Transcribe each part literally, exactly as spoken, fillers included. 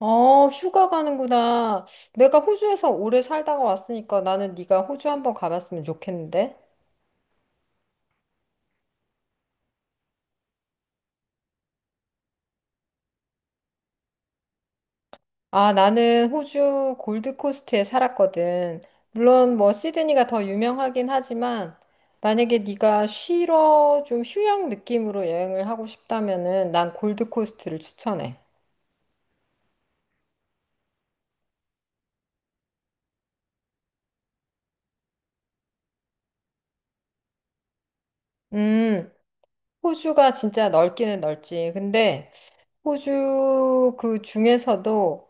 어, 휴가 가는구나. 내가 호주에서 오래 살다가 왔으니까 나는 네가 호주 한번 가봤으면 좋겠는데. 아, 나는 호주 골드코스트에 살았거든. 물론 뭐 시드니가 더 유명하긴 하지만 만약에 네가 쉬러 좀 휴양 느낌으로 여행을 하고 싶다면은 난 골드코스트를 추천해. 음, 호주가 진짜 넓기는 넓지. 근데 호주 그 중에서도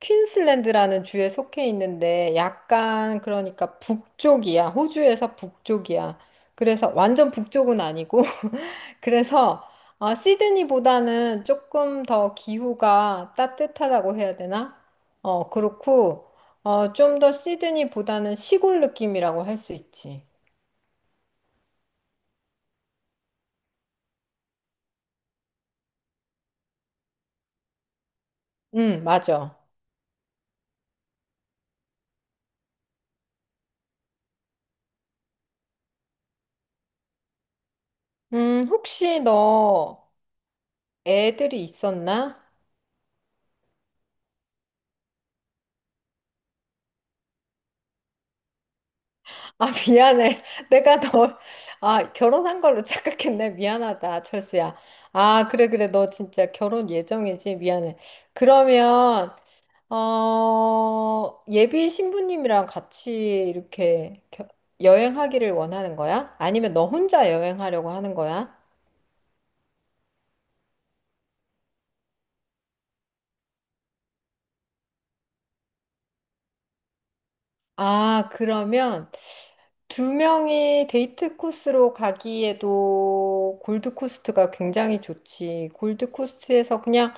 퀸슬랜드라는 주에 속해 있는데 약간 그러니까 북쪽이야. 호주에서 북쪽이야. 그래서 완전 북쪽은 아니고 그래서 어, 시드니보다는 조금 더 기후가 따뜻하다고 해야 되나? 어, 그렇고 어, 좀 더 시드니보다는 시골 느낌이라고 할 수 있지. 응, 맞아. 음, 혹시 너 애들이 있었나? 아, 미안해. 내가 너, 아, 결혼한 걸로 착각했네. 미안하다, 철수야. 아, 그래, 그래. 너 진짜 결혼 예정이지? 미안해. 그러면, 어, 예비 신부님이랑 같이 이렇게 겨- 여행하기를 원하는 거야? 아니면 너 혼자 여행하려고 하는 거야? 아, 그러면, 두 명이 데이트 코스로 가기에도 골드코스트가 굉장히 좋지. 골드코스트에서 그냥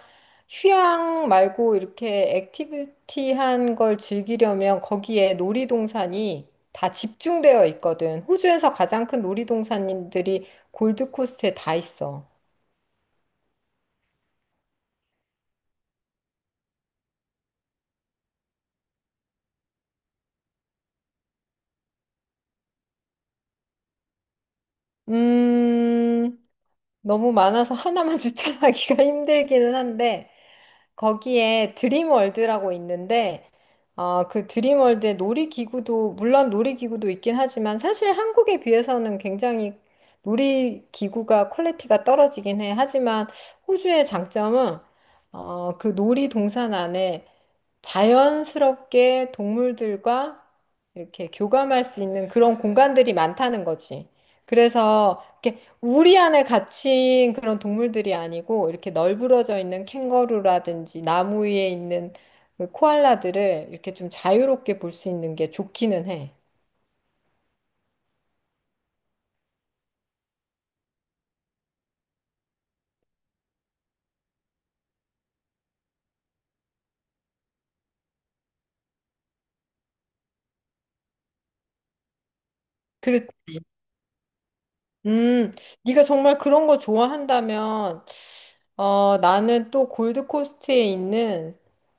휴양 말고 이렇게 액티비티한 걸 즐기려면 거기에 놀이동산이 다 집중되어 있거든. 호주에서 가장 큰 놀이동산들이 골드코스트에 다 있어. 음, 너무 많아서 하나만 추천하기가 힘들기는 한데, 거기에 드림월드라고 있는데, 어, 그 드림월드의 놀이기구도, 물론 놀이기구도 있긴 하지만, 사실 한국에 비해서는 굉장히 놀이기구가 퀄리티가 떨어지긴 해. 하지만 호주의 장점은, 어, 그 놀이동산 안에 자연스럽게 동물들과 이렇게 교감할 수 있는 그런 공간들이 많다는 거지. 그래서 이렇게 우리 안에 갇힌 그런 동물들이 아니고 이렇게 널브러져 있는 캥거루라든지 나무 위에 있는 그 코알라들을 이렇게 좀 자유롭게 볼 수 있는 게 좋기는 해. 그래, 음, 네가 정말 그런 거 좋아한다면 어, 나는 또 골드코스트에 있는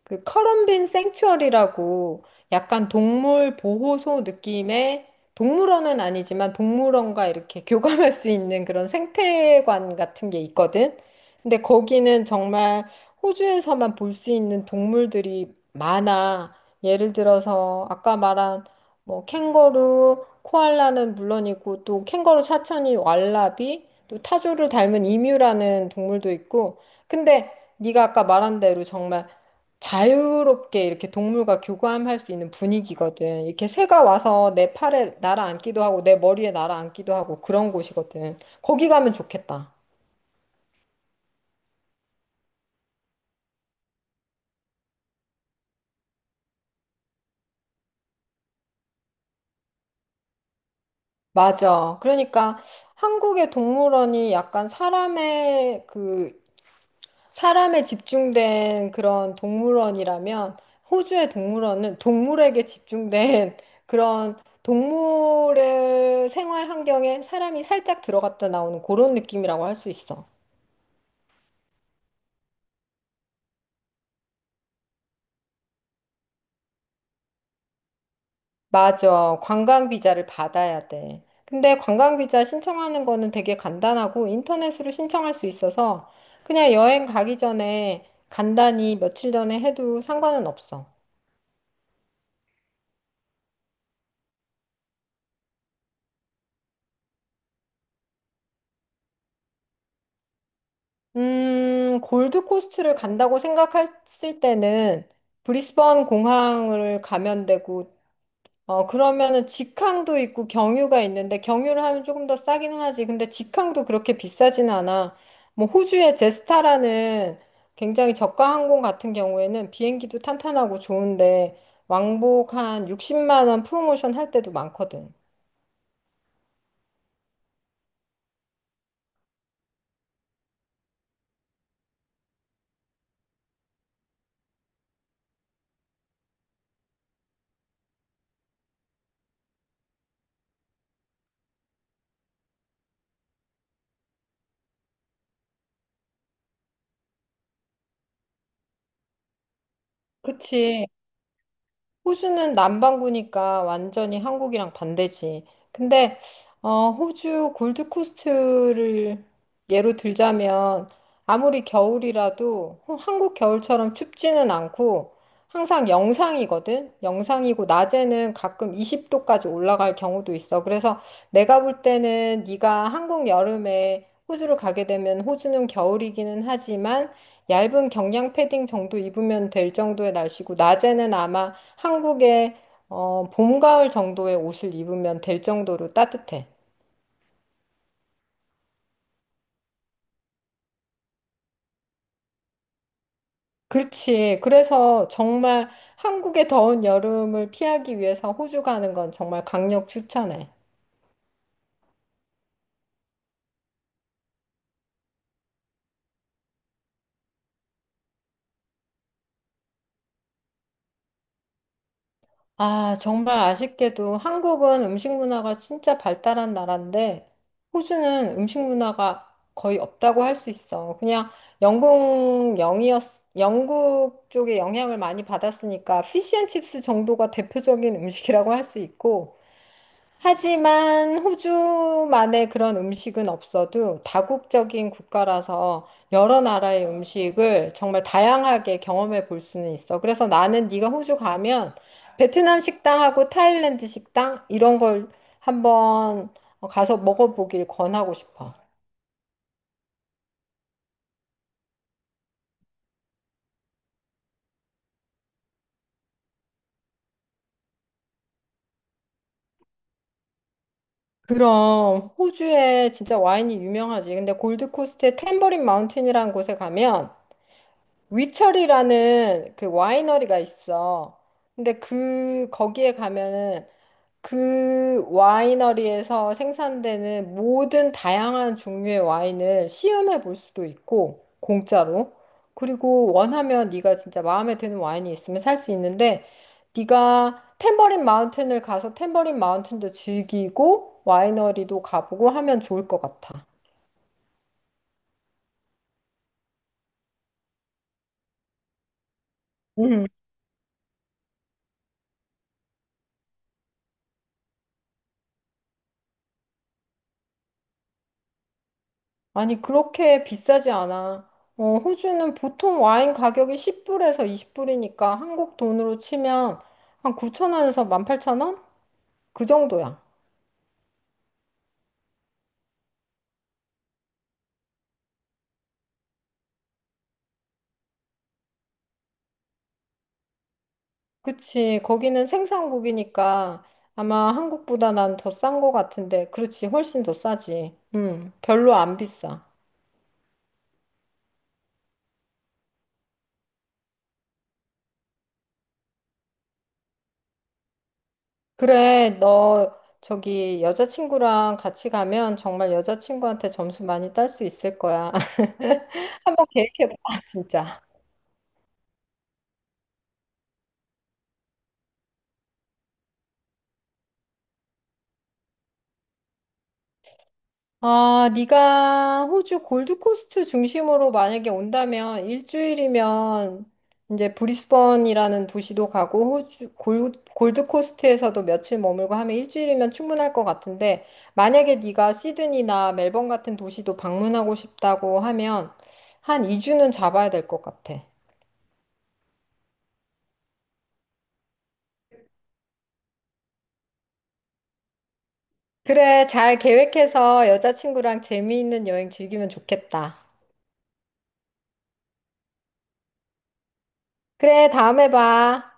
그 커럼빈 생츄어리라고 약간 동물 보호소 느낌의 동물원은 아니지만 동물원과 이렇게 교감할 수 있는 그런 생태관 같은 게 있거든. 근데 거기는 정말 호주에서만 볼 수 있는 동물들이 많아. 예를 들어서 아까 말한 뭐 캥거루, 코알라는 물론이고 또 캥거루 사천이 왈라비 또 타조를 닮은 이뮤라는 동물도 있고, 근데 네가 아까 말한 대로 정말 자유롭게 이렇게 동물과 교감할 수 있는 분위기거든. 이렇게 새가 와서 내 팔에 날아앉기도 하고, 내 머리에 날아앉기도 하고, 그런 곳이거든. 거기 가면 좋겠다. 맞아. 그러니까 한국의 동물원이 약간 사람의 그 사람에 집중된 그런 동물원이라면 호주의 동물원은 동물에게 집중된 그런 동물의 생활 환경에 사람이 살짝 들어갔다 나오는 그런 느낌이라고 할 수 있어. 맞아. 관광 비자를 받아야 돼. 근데 관광 비자 신청하는 거는 되게 간단하고 인터넷으로 신청할 수 있어서 그냥 여행 가기 전에 간단히 며칠 전에 해도 상관은 없어. 음, 골드코스트를 간다고 생각했을 때는 브리스번 공항을 가면 되고, 어, 그러면은 직항도 있고 경유가 있는데, 경유를 하면 조금 더 싸긴 하지. 근데 직항도 그렇게 비싸진 않아. 뭐, 호주의 제스타라는 굉장히 저가 항공 같은 경우에는 비행기도 탄탄하고 좋은데, 왕복 한 육십만 원 프로모션 할 때도 많거든. 그치. 호주는 남반구니까 완전히 한국이랑 반대지. 근데 어, 호주 골드코스트를 예로 들자면 아무리 겨울이라도 호- 한국 겨울처럼 춥지는 않고 항상 영상이거든. 영상이고 낮에는 가끔 이십 도까지 올라갈 경우도 있어. 그래서 내가 볼 때는 네가 한국 여름에 호주를 가게 되면 호주는 겨울이기는 하지만 얇은 경량 패딩 정도 입으면 될 정도의 날씨고 낮에는 아마 한국의 어, 봄, 가을 정도의 옷을 입으면 될 정도로 따뜻해. 그렇지. 그래서 정말 한국의 더운 여름을 피하기 위해서 호주 가는 건 정말 강력 추천해. 아, 정말 아쉽게도 한국은 음식 문화가 진짜 발달한 나라인데 호주는 음식 문화가 거의 없다고 할 수 있어. 그냥 영국 영이었, 영국 쪽의 영향을 많이 받았으니까 피시앤칩스 정도가 대표적인 음식이라고 할 수 있고 하지만 호주만의 그런 음식은 없어도 다국적인 국가라서 여러 나라의 음식을 정말 다양하게 경험해 볼 수는 있어. 그래서 나는 네가 호주 가면 베트남 식당하고 타일랜드 식당 이런 걸 한번 가서 먹어보길 권하고 싶어. 그럼 호주에 진짜 와인이 유명하지. 근데 골드코스트의 탬버린 마운틴이라는 곳에 가면 위철이라는 그 와이너리가 있어. 근데 그 거기에 가면은 그 와이너리에서 생산되는 모든 다양한 종류의 와인을 시음해 볼 수도 있고 공짜로. 그리고 원하면 네가 진짜 마음에 드는 와인이 있으면 살 수 있는데 네가 탬버린 마운틴을 가서 탬버린 마운틴도 즐기고 와이너리도 가보고 하면 좋을 것 같아. 아니, 그렇게 비싸지 않아. 어, 호주는 보통 와인 가격이 십 불에서 이십 불이니까 한국 돈으로 치면 한 구천 원에서 만 팔천 원? 그 정도야. 그치. 거기는 생산국이니까 아마 한국보다 난 더 싼 거 같은데. 그렇지. 훨씬 더 싸지. 음, 별로 안 비싸. 그래, 너 저기 여자친구랑 같이 가면 정말 여자친구한테 점수 많이 딸 수 있을 거야. 한번 계획해봐, 진짜. 아, 네가 호주 골드코스트 중심으로 만약에 온다면 일주일이면 이제 브리스번이라는 도시도 가고 호주 골, 골드코스트에서도 며칠 머물고 하면 일주일이면 충분할 것 같은데 만약에 네가 시드니나 멜번 같은 도시도 방문하고 싶다고 하면 한 이 주는 잡아야 될 것 같아. 그래, 잘 계획해서 여자친구랑 재미있는 여행 즐기면 좋겠다. 그래, 다음에 봐.